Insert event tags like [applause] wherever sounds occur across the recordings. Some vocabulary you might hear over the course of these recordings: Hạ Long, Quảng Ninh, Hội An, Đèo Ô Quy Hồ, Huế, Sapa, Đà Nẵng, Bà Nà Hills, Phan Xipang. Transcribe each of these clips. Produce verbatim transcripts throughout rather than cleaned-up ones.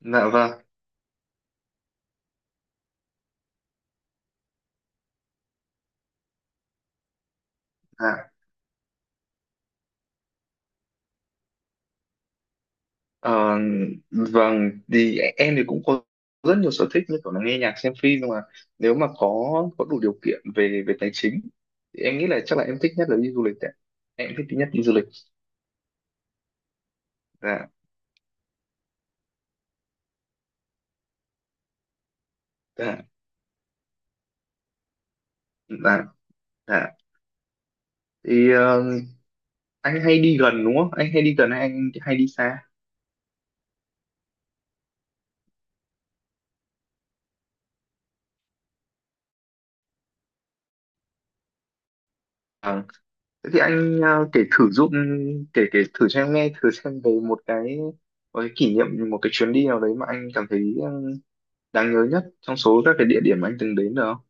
Dạ vâng, dạ. Ờ, vâng, thì em thì cũng có rất nhiều sở thích như kiểu là nghe nhạc, xem phim, nhưng mà nếu mà có có đủ điều kiện về về tài chính thì em nghĩ là chắc là em thích nhất là đi du lịch ạ. Em thích nhất đi du lịch. Dạ, dạ, dạ, dạ. Thì ờ, Anh hay đi gần đúng không? Anh hay đi gần hay anh hay đi xa? Vâng. Thế thì anh ờ, kể thử giúp, kể kể thử cho em nghe thử xem về một cái một cái kỷ niệm, một cái chuyến đi nào đấy mà anh cảm thấy ờ, đáng nhớ nhất trong số các cái địa điểm anh từng đến được không?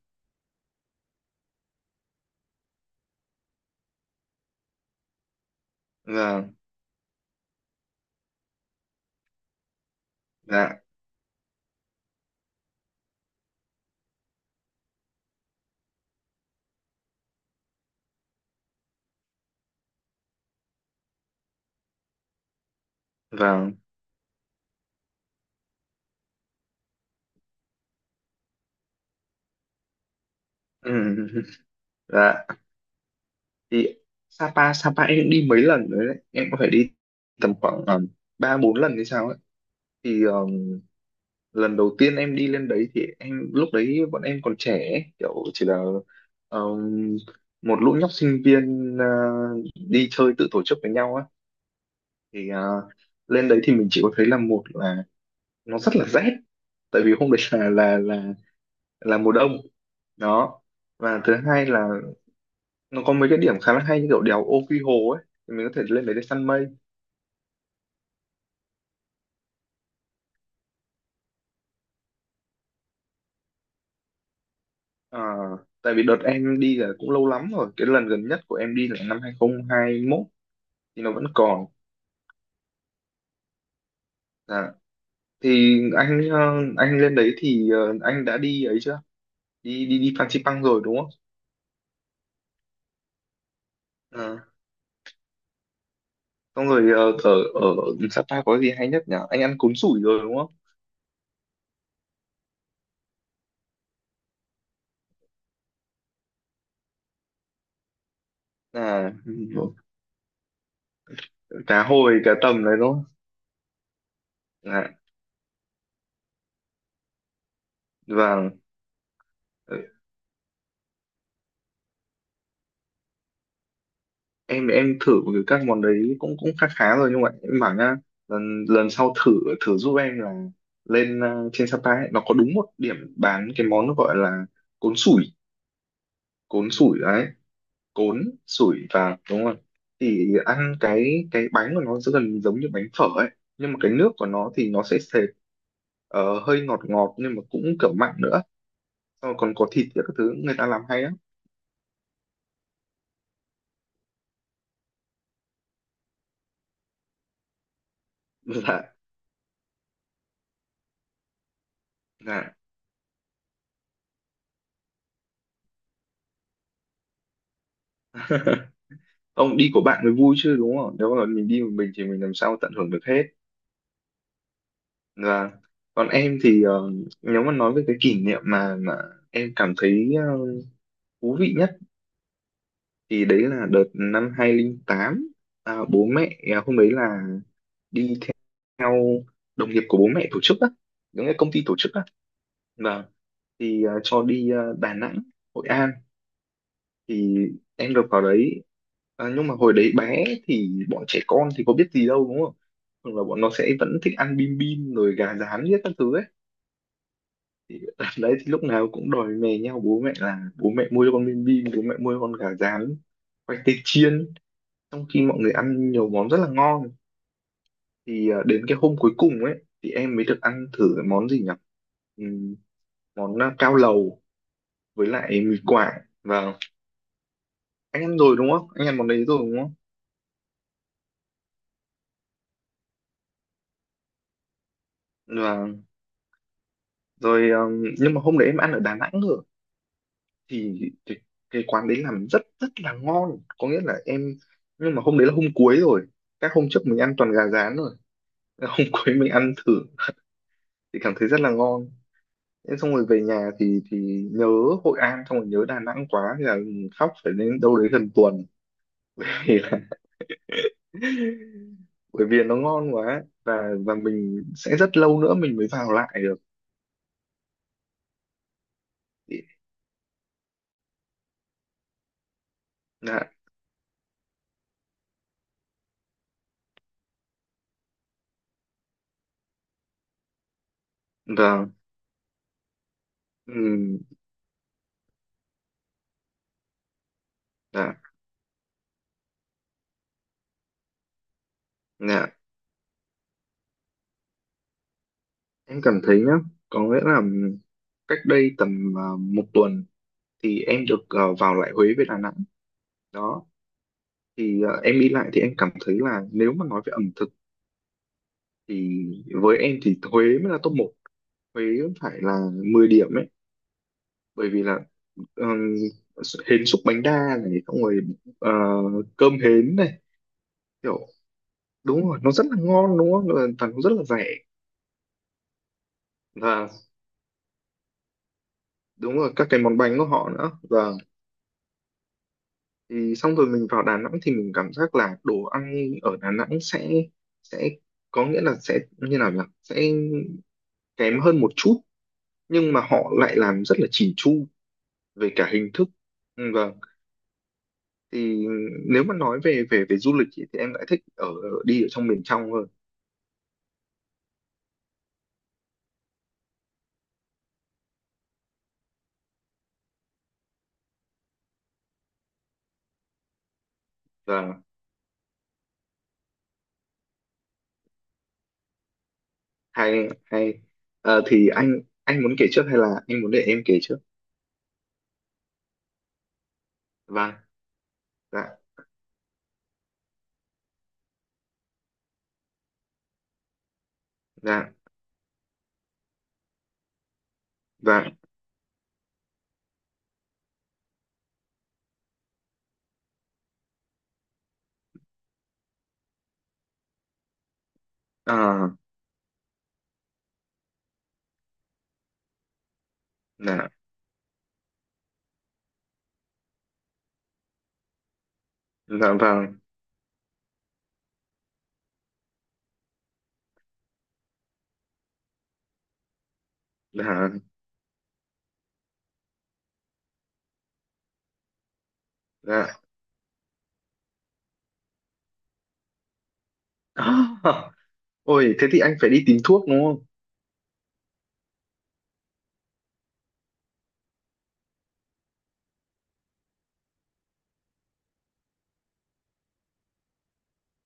Vâng, dạ, vâng, ừ, [laughs] dạ. Thì Sapa, Sapa em cũng đi mấy lần rồi đấy, em có phải đi tầm khoảng ờ, ba bốn lần hay sao ấy. Thì ờ, lần đầu tiên em đi lên đấy thì em lúc đấy bọn em còn trẻ ấy, kiểu chỉ là ờ, một lũ nhóc sinh viên, ờ, đi chơi tự tổ chức với nhau á. Thì ờ, lên đấy thì mình chỉ có thấy là một là nó rất là rét, tại vì hôm đấy là là là là mùa đông đó, và thứ hai là nó có mấy cái điểm khá là hay như kiểu đèo Ô Quy Hồ ấy, thì mình có thể lên đấy để săn mây. Ờ, tại vì đợt em đi là cũng lâu lắm rồi, cái lần gần nhất của em đi là năm hai không hai mốt thì nó vẫn còn. Dạ. Thì anh ờ, anh lên đấy thì ờ, anh đã đi ấy chưa, đi đi đi Phan Xipang rồi đúng không? Ờ, Xong rồi ờ, ở ở Sapa có gì hay nhất nhỉ, anh ăn cuốn sủi rồi đúng không? À, cá hồi cá tầm đấy đúng không? Dạ. Vâng, em em thử các món đấy cũng cũng khá khá rồi, nhưng mà em bảo nhá, lần lần sau thử, thử giúp em là lên ờ, trên Sapa ấy, nó có đúng một điểm bán cái món nó gọi là cốn sủi. Cốn sủi đấy, cốn sủi, và đúng rồi. Thì ăn cái cái bánh của nó sẽ gần giống như bánh phở ấy, nhưng mà cái nước của nó thì nó sẽ sệt, ờ, hơi ngọt ngọt nhưng mà cũng kiểu mặn nữa. Xong rồi còn có thịt các thứ người ta làm hay á. [laughs] dạ dạ Ông đi của bạn mới vui chứ đúng không, nếu mà mình đi một mình thì mình làm sao tận hưởng được hết. Và còn em thì ờ, nếu mà nói về cái kỷ niệm mà mà em cảm thấy ờ, thú vị nhất, thì đấy là đợt năm hai không không tám. À, bố mẹ, à, hôm đấy là đi theo đồng nghiệp của bố mẹ tổ chức á, những cái công ty tổ chức á, và thì ờ, cho đi ờ, Đà Nẵng, Hội An. Thì em được vào đấy, à, nhưng mà hồi đấy bé thì bọn trẻ con thì có biết gì đâu đúng không, thường là bọn nó sẽ vẫn thích ăn bim bim rồi gà rán hết các thứ ấy. Thì [laughs] ở đấy thì lúc nào cũng đòi mè nhau bố mẹ là bố mẹ mua cho con bim bim, bố mẹ mua cho con gà rán, khoai tây chiên, trong khi mọi người ăn nhiều món rất là ngon. Thì à, đến cái hôm cuối cùng ấy thì em mới được ăn thử cái món gì nhỉ, Ừm, món à, cao lầu với lại mì quảng. Và anh ăn rồi đúng không, anh ăn món đấy rồi đúng không? Rồi um, nhưng mà hôm đấy em ăn ở Đà Nẵng rồi. Thì, thì Cái quán đấy làm rất rất là ngon, có nghĩa là em, nhưng mà hôm đấy là hôm cuối rồi, các hôm trước mình ăn toàn gà rán rồi. [laughs] Hôm cuối mình ăn thử thì cảm thấy rất là ngon. Thế xong rồi về nhà thì thì nhớ Hội An, xong rồi nhớ Đà Nẵng quá, thì là khóc phải đến đâu đấy gần tuần. [laughs] Thì là bởi vì nó ngon quá, và và mình sẽ rất lâu nữa mình mới vào lại được. Dạ vâng ừ, dạ dạ Em cảm thấy nhá, có nghĩa là cách đây tầm à, một tuần thì em được à, vào lại Huế với Đà Nẵng. Đó, thì à, em đi lại thì em cảm thấy là nếu mà nói về ẩm thực thì với em thì Huế mới là top một, Huế phải là mười điểm ấy, bởi vì là ừm, hến xúc bánh đa này, xong rồi ờ, cơm hến này, kiểu đúng rồi, nó rất là ngon đúng không? Và nó rất là rẻ. Và đúng rồi, các cái món bánh của họ nữa. Và thì xong rồi mình vào Đà Nẵng thì mình cảm giác là đồ ăn ở Đà Nẵng sẽ sẽ có nghĩa là sẽ như nào nhỉ, sẽ kém hơn một chút, nhưng mà họ lại làm rất là chỉn chu về cả hình thức. Ừ, vâng, thì nếu mà nói về về về du lịch ý, thì em lại thích ở đi ở trong miền trong hơn. Và hay hay. Ờ, thì anh anh muốn kể trước hay là anh muốn để em kể trước? Vâng dạ dạ dạ à dạ dạ vâng dạ dạ [laughs] [gasps] Ôi, thế thì anh phải đi tìm thuốc đúng không?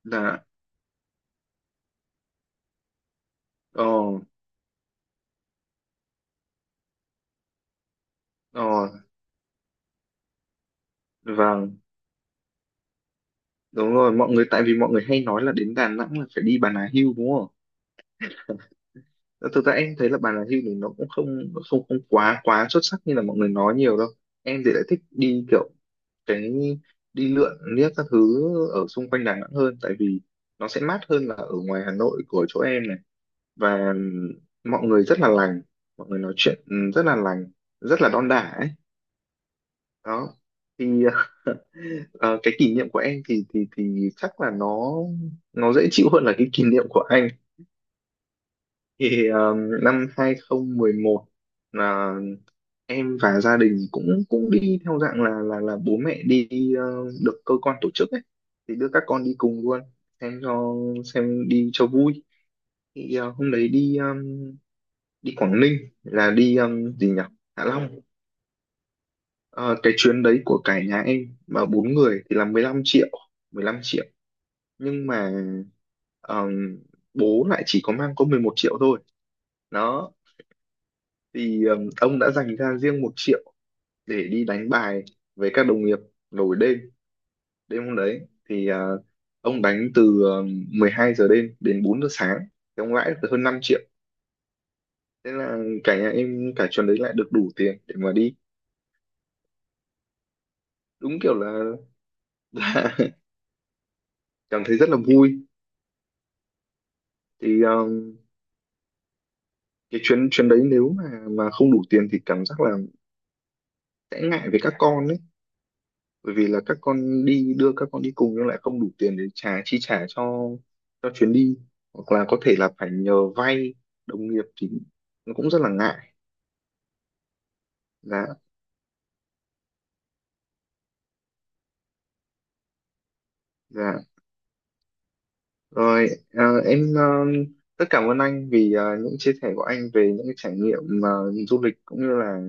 Là, ờ, ờ, vâng, đúng rồi, mọi người, tại vì mọi người hay nói là đến Đà Nẵng là phải đi Bà Nà Hills đúng không? Ờ, thực ra em thấy là Bà Nà Hills thì nó cũng không không không quá quá xuất sắc như là mọi người nói nhiều đâu. Em thì lại thích đi kiểu cái đi lượn liếc các thứ ở xung quanh Đà Nẵng hơn, tại vì nó sẽ mát hơn là ở ngoài Hà Nội của chỗ em này. Và mọi người rất là lành, mọi người nói chuyện, ừ, rất là lành, rất là đon đả ấy, đó. Thì [laughs] ờ, cái kỷ niệm của em thì thì thì chắc là nó nó dễ chịu hơn là cái kỷ niệm của anh. Thì ờ, năm hai không một một là em và gia đình cũng cũng đi theo dạng là là là bố mẹ đi ờ, được cơ quan tổ chức ấy, thì đưa các con đi cùng luôn, xem cho xem đi cho vui. Thì ờ, hôm đấy đi ờ, đi Quảng Ninh, là đi ờ, gì nhỉ Hạ Long. Ờ, cái chuyến đấy của cả nhà em mà bốn người thì là mười lăm triệu, mười lăm triệu nhưng mà ờm, bố lại chỉ có mang có mười một triệu thôi đó. Thì ờm, ông đã dành ra riêng một triệu để đi đánh bài với các đồng nghiệp nổi đêm, đêm hôm đấy. Thì à, ông đánh từ ờm, mười hai giờ đêm đến bốn giờ sáng, thì ông lãi được hơn năm triệu. Thế là cả nhà em cả trường đấy lại được đủ tiền để mà đi. Đúng kiểu là, [laughs] là cảm thấy rất là vui. Thì ờm, cái chuyến chuyến đấy nếu mà mà không đủ tiền thì cảm giác là sẽ ngại với các con ấy, bởi vì là các con đi, đưa các con đi cùng nhưng lại không đủ tiền để trả chi trả cho cho chuyến đi, hoặc là có thể là phải nhờ vay đồng nghiệp, thì nó cũng rất là ngại. Dạ dạ Rồi, ờ, em ờ, rất cảm ơn anh vì ờ, những chia sẻ của anh về những cái trải nghiệm ờ, du lịch cũng như là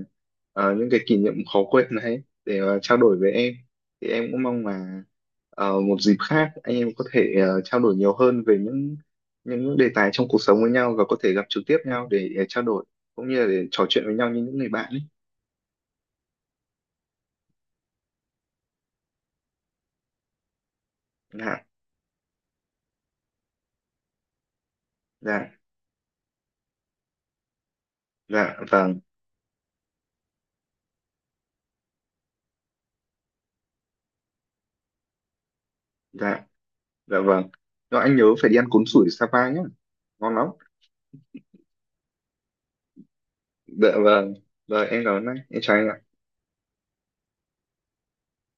ờ, những cái kỷ niệm khó quên đấy để ờ, trao đổi với em. Thì em cũng mong là ờ, một dịp khác anh em có thể ờ, trao đổi nhiều hơn về những những đề tài trong cuộc sống với nhau, và có thể gặp trực tiếp nhau để ờ, trao đổi cũng như là để trò chuyện với nhau như những người bạn ấy. Dạ, dạ, dạ, vâng, dạ, dạ vâng. Rồi anh nhớ phải đi ăn cuốn sủi Sapa nhé, ngon lắm. Dạ vâng, rồi em cảm ơn anh, em chào anh ạ.